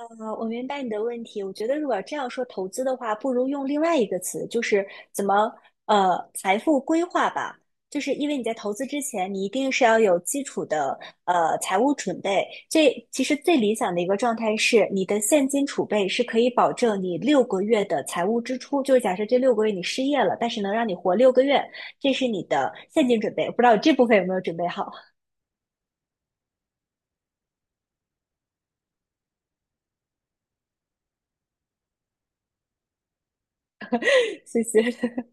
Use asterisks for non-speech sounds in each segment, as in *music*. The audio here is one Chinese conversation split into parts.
啊，我明白你的问题。我觉得，如果这样说投资的话，不如用另外一个词，就是怎么财富规划吧。就是因为你在投资之前，你一定是要有基础的财务准备。这其实最理想的一个状态是，你的现金储备是可以保证你六个月的财务支出。就是假设这六个月你失业了，但是能让你活六个月，这是你的现金准备。我不知道这部分有没有准备好，*laughs* 谢谢。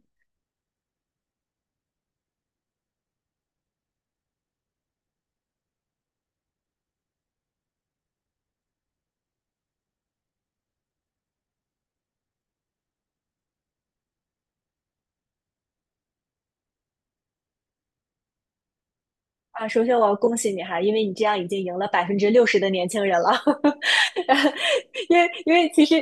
啊，首先我要恭喜你哈，因为你这样已经赢了60%的年轻人了。*laughs* 因为其实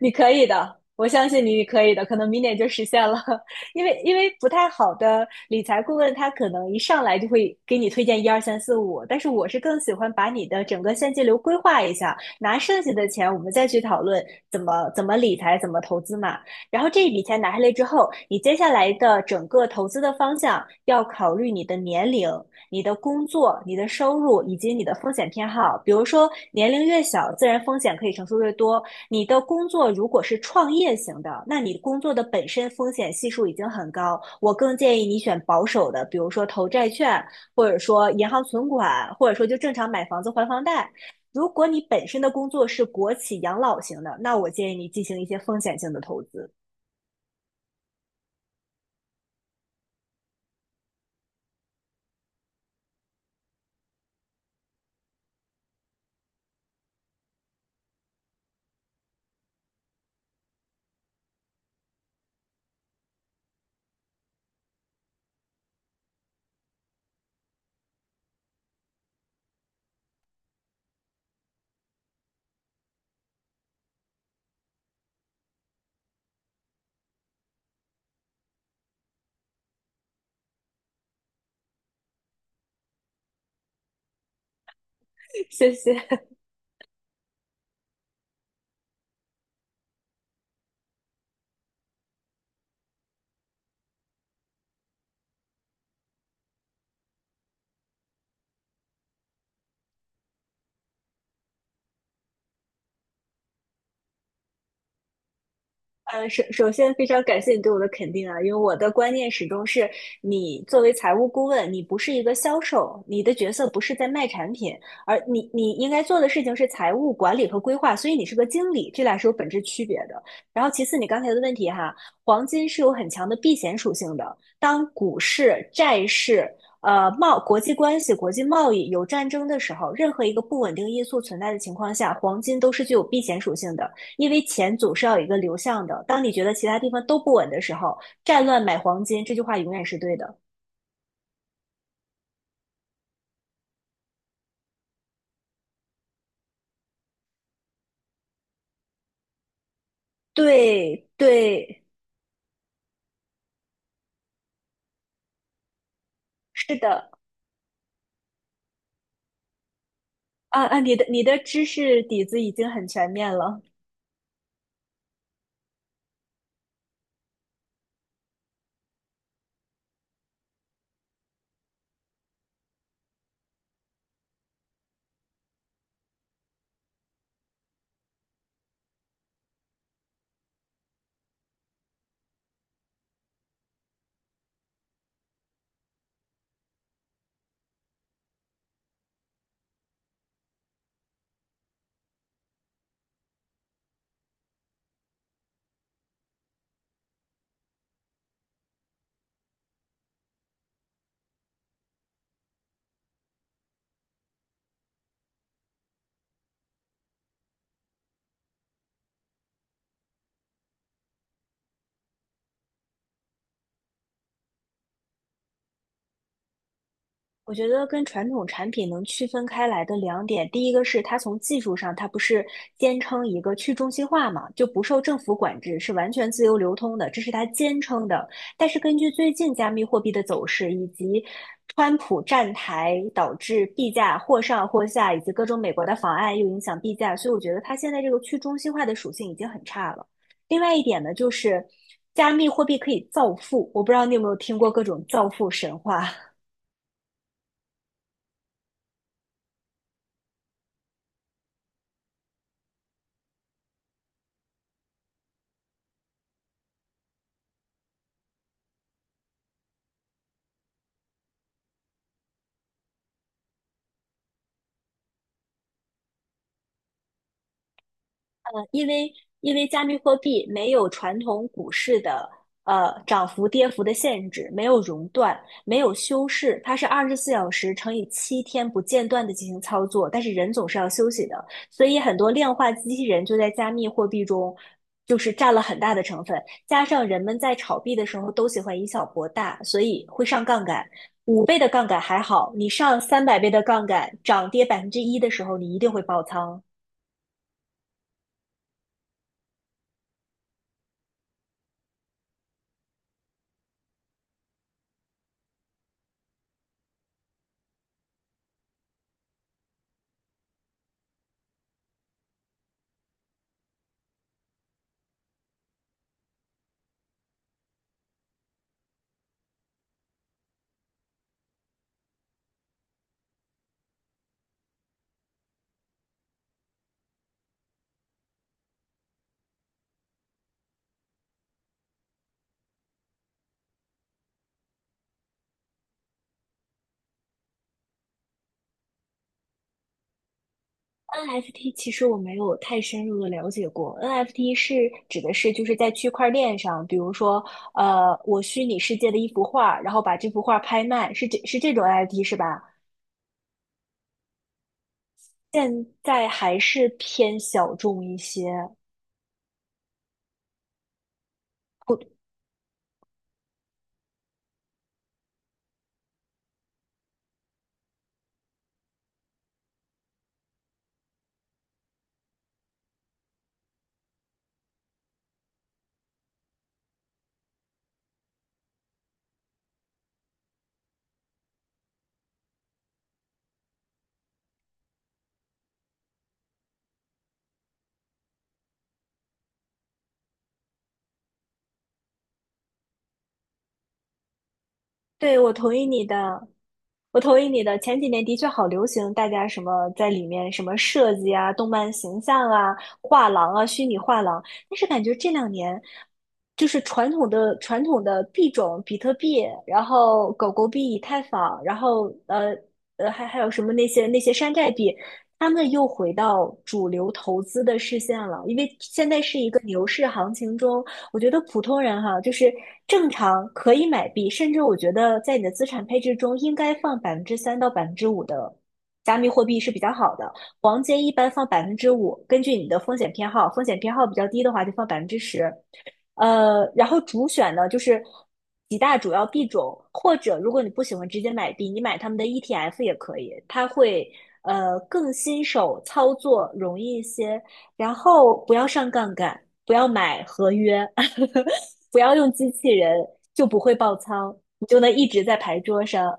你可以的，我相信你，你可以的，可能明年就实现了。*laughs* 因为不太好的理财顾问，他可能一上来就会给你推荐一二三四五，但是我是更喜欢把你的整个现金流规划一下，拿剩下的钱我们再去讨论怎么理财、怎么投资嘛。然后这一笔钱拿下来之后，你接下来的整个投资的方向要考虑你的年龄、你的工作、你的收入以及你的风险偏好。比如说，年龄越小，自然风险可以承受越多；你的工作如果是创业型的，那你工作的本身风险系数已经很高。我更建议你选保守的，比如说投债券，或者说银行存款，或者说就正常买房子还房贷。如果你本身的工作是国企养老型的，那我建议你进行一些风险性的投资。谢谢。首先非常感谢你对我的肯定啊，因为我的观念始终是，你作为财务顾问，你不是一个销售，你的角色不是在卖产品，而你应该做的事情是财务管理和规划，所以你是个经理，这俩是有本质区别的。然后其次，你刚才的问题哈，黄金是有很强的避险属性的，当股市、债市。国际关系、国际贸易有战争的时候，任何一个不稳定因素存在的情况下，黄金都是具有避险属性的。因为钱总是要有一个流向的。当你觉得其他地方都不稳的时候，战乱买黄金这句话永远是对的。对对，是的，啊啊，你的知识底子已经很全面了。我觉得跟传统产品能区分开来的两点，第一个是它从技术上，它不是坚称一个去中心化嘛，就不受政府管制，是完全自由流通的，这是它坚称的。但是根据最近加密货币的走势，以及川普站台导致币价或上或下，以及各种美国的法案又影响币价，所以我觉得它现在这个去中心化的属性已经很差了。另外一点呢，就是加密货币可以造富，我不知道你有没有听过各种造富神话。因为因为加密货币没有传统股市的涨幅跌幅的限制，没有熔断，没有休市，它是24小时乘以7天不间断的进行操作，但是人总是要休息的，所以很多量化机器人就在加密货币中。就是占了很大的成分，加上人们在炒币的时候都喜欢以小博大，所以会上杠杆。5倍的杠杆还好，你上300倍的杠杆，涨跌1%的时候，你一定会爆仓。NFT 其实我没有太深入的了解过，NFT 是指的是就是在区块链上，比如说，我虚拟世界的一幅画，然后把这幅画拍卖，是这是这种 NFT 是吧？现在还是偏小众一些。对，我同意你的，我同意你的。前几年的确好流行，大家什么在里面什么设计啊、动漫形象啊、画廊啊、虚拟画廊，但是感觉这两年就是传统的币种，比特币，然后狗狗币、以太坊，然后还有什么那些山寨币，他们又回到主流投资的视线了，因为现在是一个牛市行情中。我觉得普通人哈，就是正常可以买币，甚至我觉得在你的资产配置中应该放百分之三到百分之五的加密货币是比较好的。黄金一般放百分之五，根据你的风险偏好，风险偏好比较低的话就放10%。然后主选呢就是几大主要币种，或者如果你不喜欢直接买币，你买他们的 ETF 也可以，它会更新手操作容易一些，然后不要上杠杆，不要买合约 *laughs*，不要用机器人，就不会爆仓，你就能一直在牌桌上。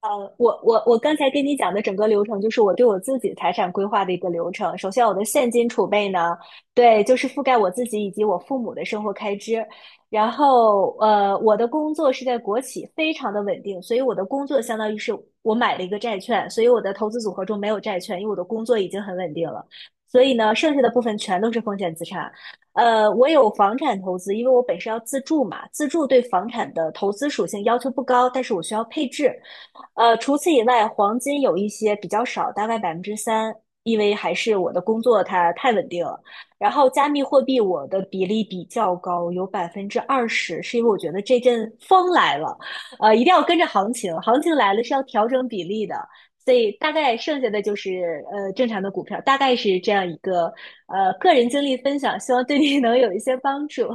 呃，我刚才跟你讲的整个流程，就是我对我自己财产规划的一个流程。首先，我的现金储备呢，对，就是覆盖我自己以及我父母的生活开支。然后，我的工作是在国企，非常的稳定，所以我的工作相当于是我买了一个债券，所以我的投资组合中没有债券，因为我的工作已经很稳定了。所以呢，剩下的部分全都是风险资产。我有房产投资，因为我本身要自住嘛，自住对房产的投资属性要求不高，但是我需要配置。除此以外，黄金有一些比较少，大概百分之三，因为还是我的工作它太稳定了。然后加密货币我的比例比较高，有20%，是因为我觉得这阵风来了，一定要跟着行情，行情来了是要调整比例的。所以大概剩下的就是正常的股票，大概是这样一个个人经历分享，希望对你 *laughs* 能有一些帮助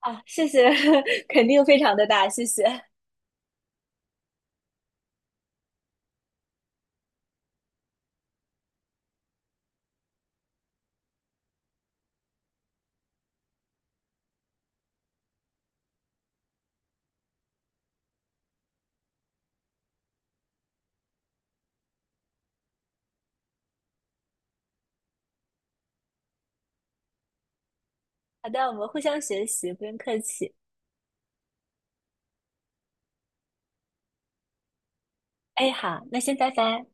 啊，谢谢，*laughs* 肯定非常的大，谢谢。好的，我们互相学习，不用客气。哎，好，那先拜拜。